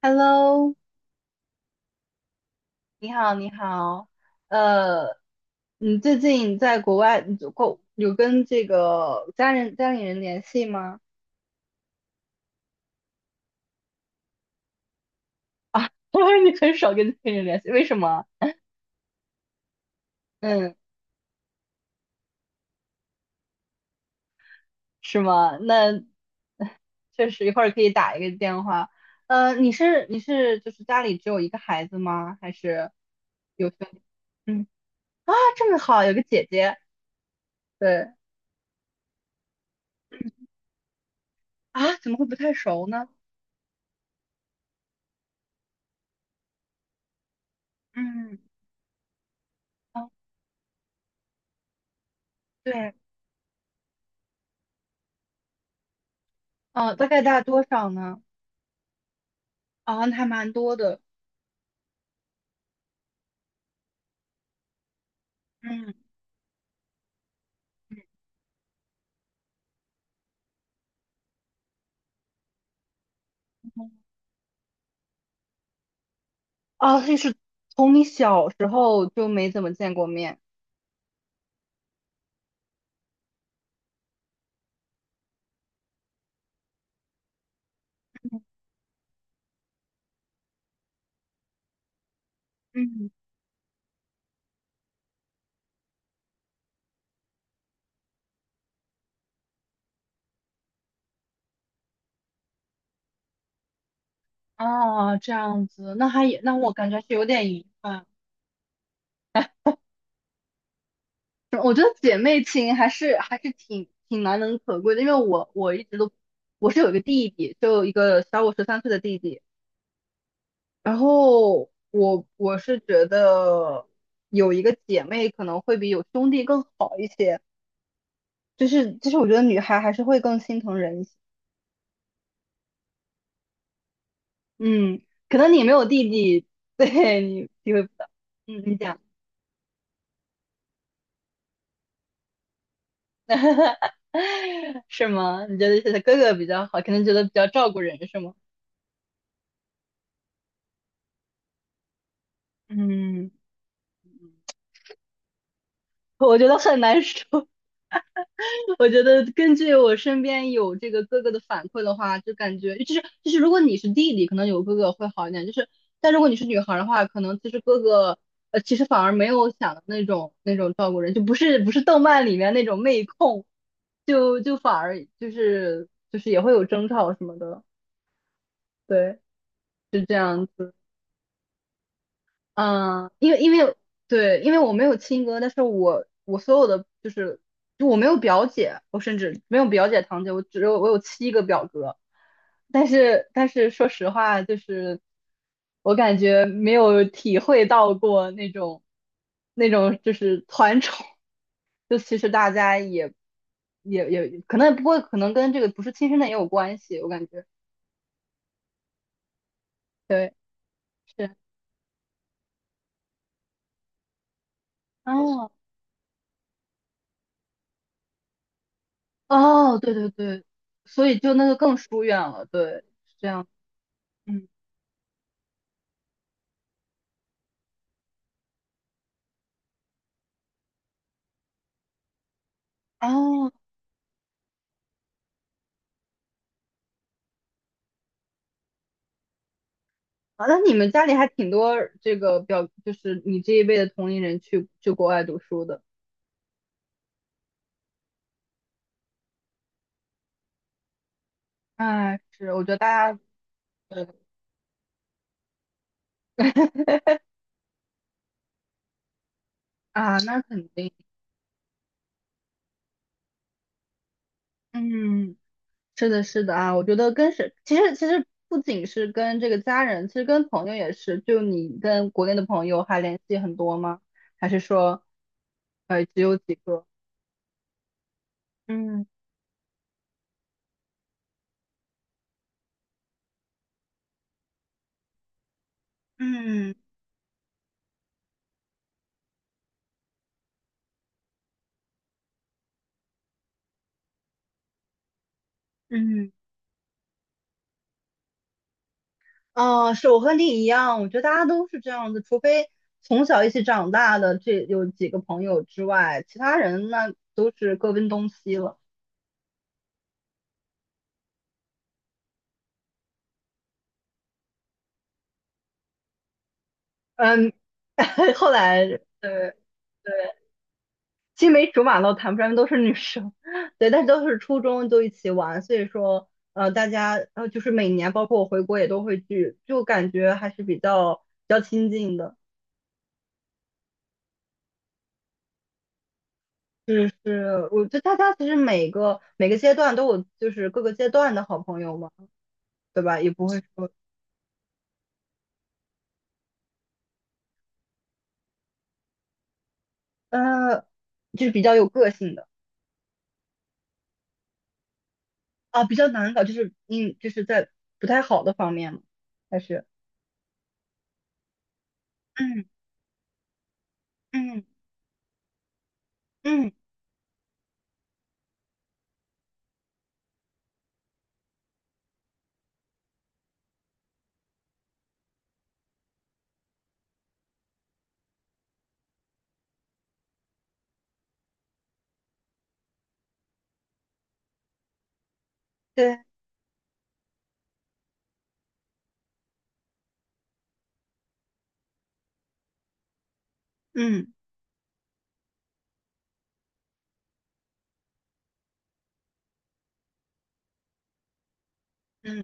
Hello，你好，你好，呃，你最近在国外，你有跟这个家里人联系吗？我说你很少跟家里人联系，为什么？嗯，是吗？那 确实一会儿可以打一个电话。你是就是家里只有一个孩子吗？还是有兄弟？嗯，啊，这么好，有个姐姐。对啊，怎么会不太熟呢？嗯，啊，对，啊，大概大多少呢？啊，还蛮多的。嗯就是从你小时候就没怎么见过面。嗯，哦，这样子，那还也，那我感觉是有点遗憾。我觉得姐妹情还是挺难能可贵的，因为我是有一个弟弟，就一个小我13岁的弟弟，然后我是觉得有一个姐妹可能会比有兄弟更好一些，就是我觉得女孩还是会更心疼人一些。嗯，可能你没有弟弟，对你体会不到。嗯，你讲，是吗？你觉得是他哥哥比较好，可能觉得比较照顾人，是吗？嗯，我觉得很难说。我觉得根据我身边有这个哥哥的反馈的话，就感觉就是如果你是弟弟，可能有哥哥会好一点，就是但如果你是女孩的话，可能其实哥哥其实反而没有想的那种照顾人，就不是动漫里面那种妹控，就反而就是也会有争吵什么的，对，是这样子。嗯，因为对，因为我没有亲哥，但是我所有的就是就我没有表姐，我甚至没有表姐堂姐，我有7个表哥，但是说实话，就是我感觉没有体会到过那种就是团宠，就其实大家也可能跟这个不是亲生的也有关系，我感觉对是哦哦，对对对，所以就那个更疏远了，对，是这样，嗯，哦，啊那你们家里还挺多这个表，就是你这一辈的同龄人去国外读书的，哎，是，我觉得大家，对啊，那肯定，嗯，是的，是的啊，我觉得其实不仅是跟这个家人，其实跟朋友也是，就你跟国内的朋友还联系很多吗？还是说，只有几个？嗯嗯嗯。啊，是我和你一样，我觉得大家都是这样子，除非从小一起长大的这有几个朋友之外，其他人那都是各奔东西了。嗯，后来对对，青梅竹马都谈不上，都是女生，对，但是都是初中就一起玩，所以说大家就是每年，包括我回国也都会聚，就感觉还是比较亲近的。是是，我觉得大家其实每个阶段都有，就是各个阶段的好朋友嘛。对吧？也不会说，呃，就是比较有个性的啊，比较难搞，就是嗯，就是在不太好的方面嘛，还是嗯嗯嗯，对，嗯嗯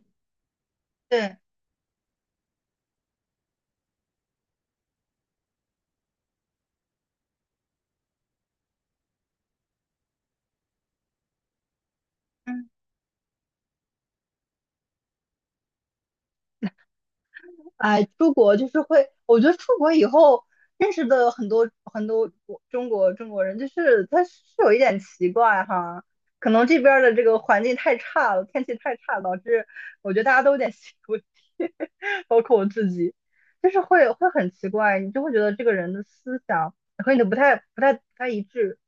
对，嗯。哎，出国就是会，我觉得出国以后认识的很多很多国中国中国人，就是他是有一点奇怪哈，可能这边儿的这个环境太差了，天气太差了导致我觉得大家都有点心理问题，包括我自己，就是会很奇怪，你就会觉得这个人的思想和你的不太一致。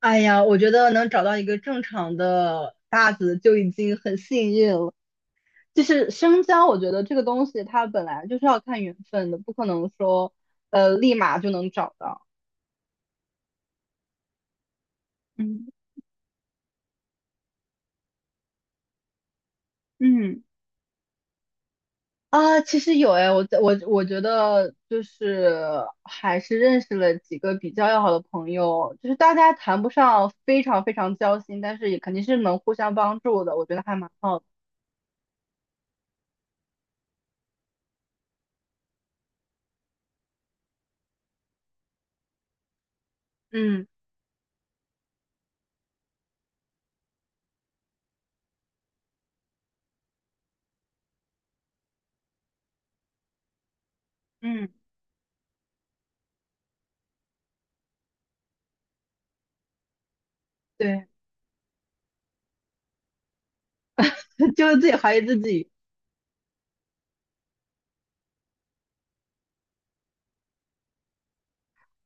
哎呀，我觉得能找到一个正常的搭子就已经很幸运了。就是深交，我觉得这个东西它本来就是要看缘分的，不可能说立马就能找到。嗯嗯啊，其实有哎，我在我觉得就是还是认识了几个比较要好的朋友，就是大家谈不上非常非常交心，但是也肯定是能互相帮助的，我觉得还蛮好的。嗯嗯，对，就是自己怀疑自己。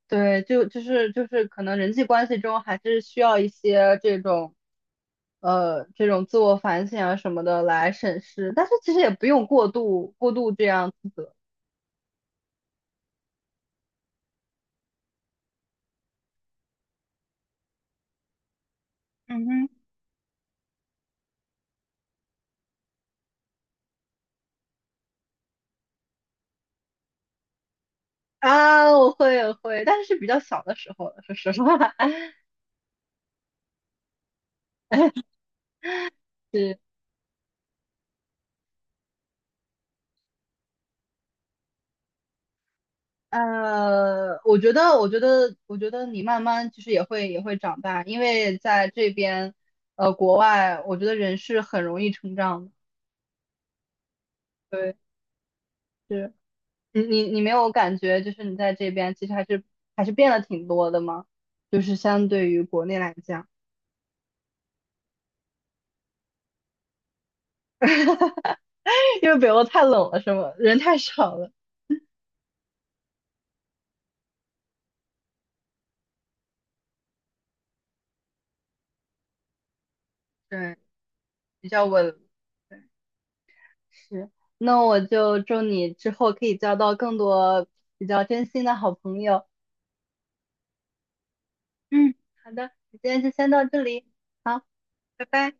对，就是可能人际关系中还是需要一些这种这种自我反省啊什么的来审视，但是其实也不用过度这样自责嗯哼，啊，我会，但是是比较小的时候了，说实话 是。我觉得你慢慢其实也会长大，因为在这边，国外，我觉得人是很容易成长的。对，是。你没有感觉，就是你在这边其实还是变了挺多的吗？就是相对于国内来讲，因为北欧太冷了，是吗？人太少了，对，比较稳。对，是。那我就祝你之后可以交到更多比较真心的好朋友。嗯，好的，今天就先到这里，好，拜拜。